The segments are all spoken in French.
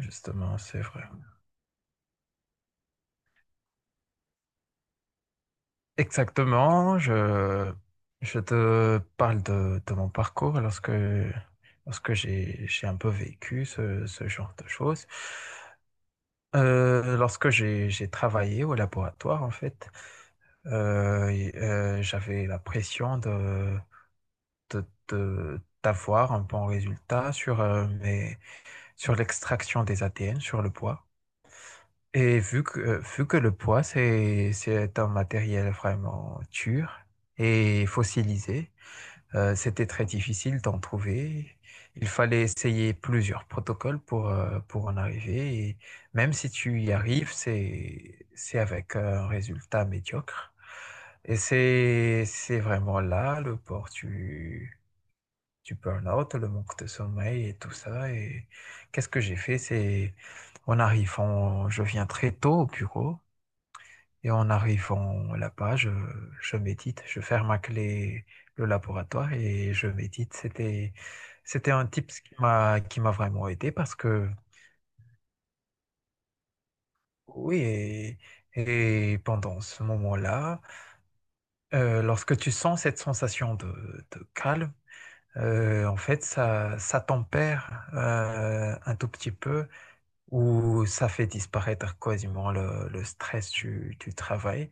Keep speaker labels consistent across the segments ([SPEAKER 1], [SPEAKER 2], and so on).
[SPEAKER 1] Justement, c'est vrai. Exactement, je te parle de mon parcours lorsque, j'ai un peu vécu ce genre de choses. J'ai travaillé au laboratoire, en fait, j'avais la pression d'avoir un bon résultat sur sur l'extraction des ADN, sur le poids. Vu que le bois, c'est un matériel vraiment dur et fossilisé, c'était très difficile d'en trouver. Il fallait essayer plusieurs protocoles pour en arriver. Et même si tu y arrives, c'est avec un résultat médiocre. Et c'est vraiment là le port du burn-out, le manque de sommeil et tout ça. Et qu'est-ce que j'ai fait? C'est, on arrive, je viens très tôt au bureau. Et en arrivant là-bas, je médite, je ferme à clé le laboratoire et je médite. C'était un tip qui m'a vraiment aidé parce que, oui, et pendant ce moment-là, lorsque tu sens cette sensation de calme, ça tempère un tout petit peu ou ça fait disparaître quasiment le stress du travail.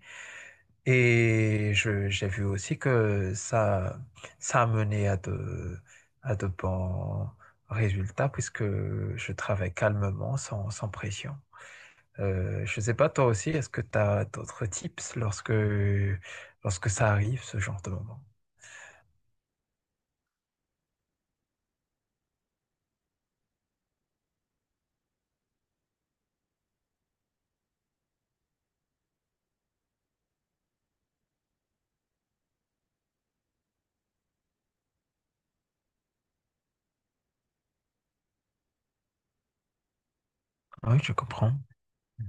[SPEAKER 1] Et j'ai vu aussi ça a mené à de bons résultats puisque je travaille calmement, sans pression. Je ne sais pas, toi aussi, est-ce que tu as d'autres tips lorsque, lorsque ça arrive, ce genre de moment? Oui, je comprends. Mhm.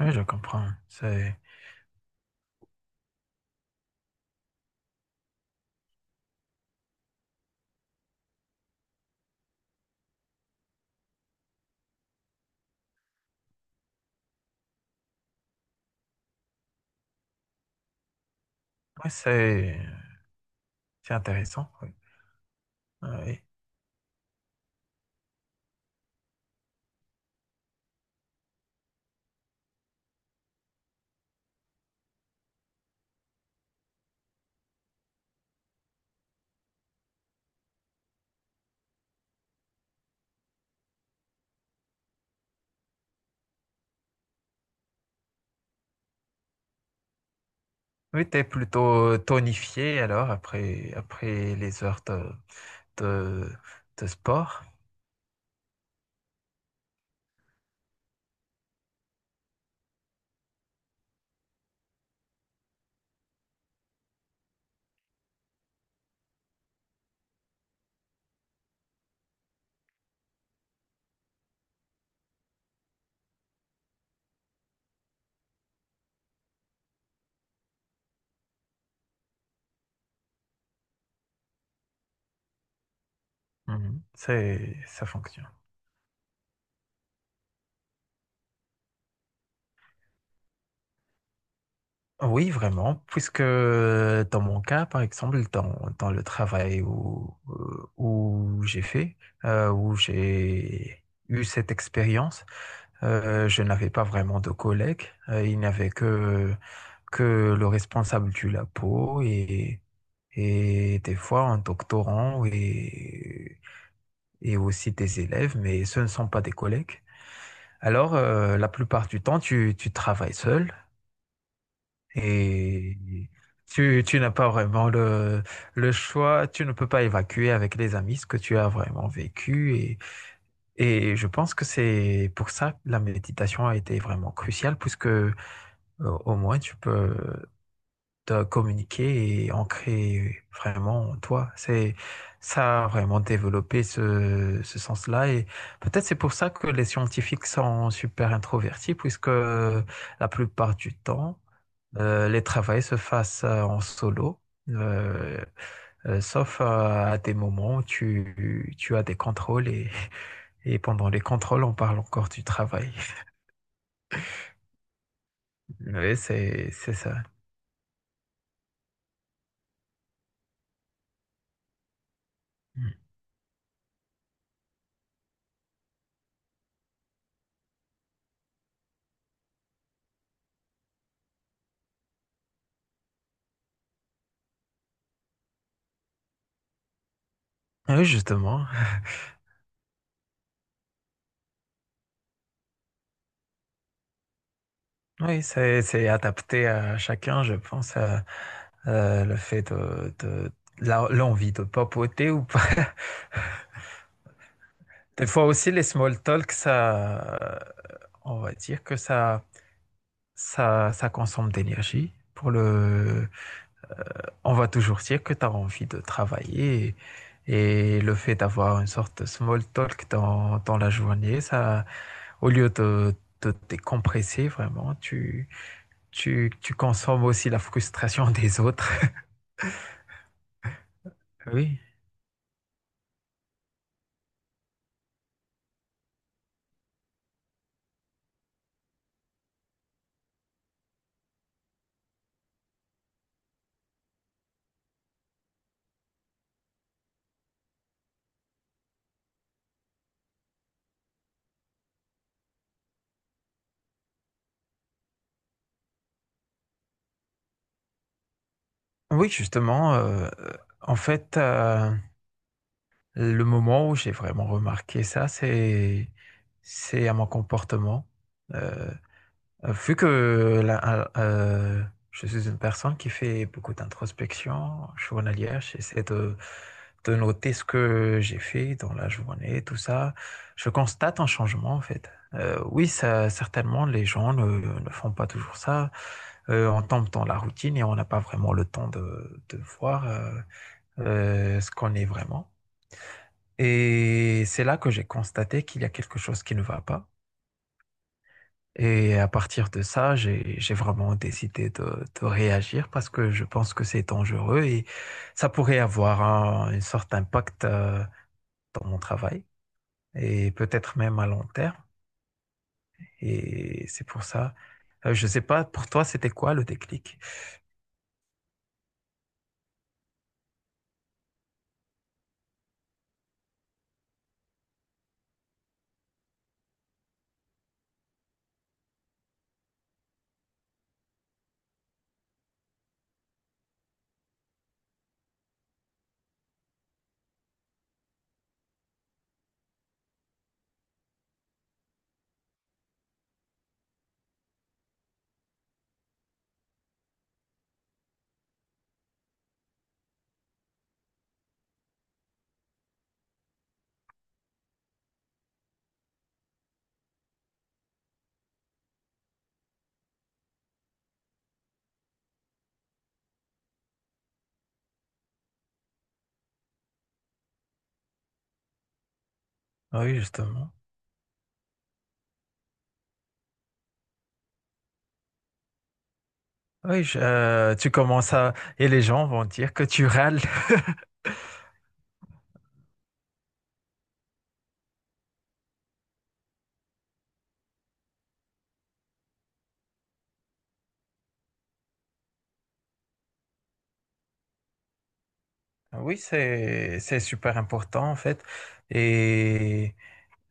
[SPEAKER 1] Oui, je comprends. Ouais, c'est intéressant. Oui. Oui. Oui, t'es plutôt tonifié alors après, après les heures de, de sport. Mhm. Ça fonctionne. Oui, vraiment, puisque dans mon cas, par exemple, dans le travail où, où j'ai eu cette expérience, je n'avais pas vraiment de collègues. Il n'y avait que le responsable du labo et des fois un doctorant et aussi tes élèves, mais ce ne sont pas des collègues. La plupart du temps, tu travailles seul et tu n'as pas vraiment le choix, tu ne peux pas évacuer avec les amis ce que tu as vraiment vécu. Et je pense que c'est pour ça que la méditation a été vraiment cruciale, puisque au moins tu peux de communiquer et ancrer vraiment toi. C'est ça a vraiment développé ce, ce sens-là et peut-être c'est pour ça que les scientifiques sont super introvertis puisque la plupart du temps les travaux se fassent en solo. euh, Sauf à des moments où tu as des contrôles et pendant les contrôles, on parle encore du travail. Oui, c'est ça. Mm. Oui, justement. Oui, c'est adapté à chacun, je pense, le fait l'envie de papoter ou pas. Des fois aussi, les small talk, on va dire ça consomme d'énergie. Pour le, on va toujours dire que tu as envie de travailler et le fait d'avoir une sorte de small talk dans, dans la journée, ça, au lieu de décompresser vraiment, tu consommes aussi la frustration des autres. Oui. Oui, justement, en fait, heu, le moment où j'ai vraiment remarqué ça, c'est à mon comportement. euh, Vu que je suis une personne qui fait beaucoup d'introspection journalière, de noter ce que j'ai fait dans la journée, tout ça. Je constate un changement en fait. Oui, ça, certainement, les gens ne, ne font pas toujours ça. On tombe dans la routine et on n'a pas vraiment le temps de voir ce qu'on est vraiment. Et c'est là que j'ai constaté qu'il y a quelque chose qui ne va pas. Et à partir de ça, j'ai vraiment décidé de réagir parce que je pense que c'est dangereux et ça pourrait avoir une sorte d'impact dans mon travail et peut-être même à long terme. Et c'est pour ça. Je ne sais pas, pour toi, c'était quoi le déclic? Ah oui, justement. Ah oui, tu commences à... Et les gens vont dire que tu râles. Oui, c'est super important en fait. Et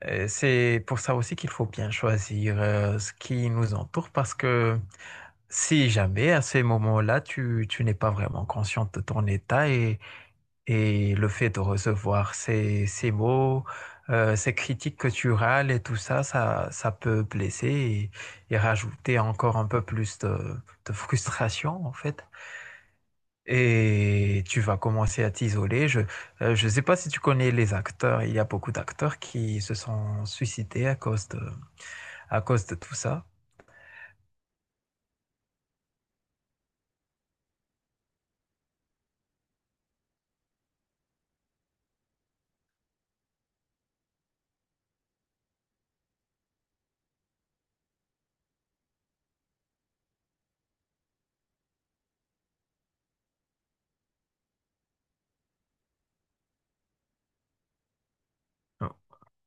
[SPEAKER 1] C'est pour ça aussi qu'il faut bien choisir ce qui nous entoure parce que si jamais à ces moments-là, tu n'es pas vraiment consciente de ton état et le fait de recevoir ces mots, ces critiques que tu râles et tout ça, ça peut blesser et rajouter encore un peu plus de frustration en fait. Et tu vas commencer à t'isoler. Je ne sais pas si tu connais les acteurs. Il y a beaucoup d'acteurs qui se sont suicidés à cause de tout ça.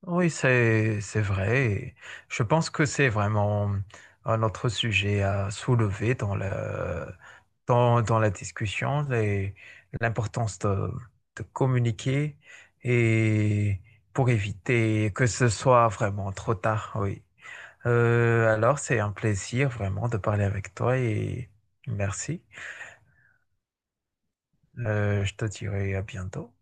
[SPEAKER 1] Oui, c'est vrai. Et je pense que c'est vraiment un autre sujet à soulever dans dans la discussion, l'importance de communiquer et pour éviter que ce soit vraiment trop tard, oui. Alors, c'est un plaisir vraiment de parler avec toi et merci. Je te dirai à bientôt.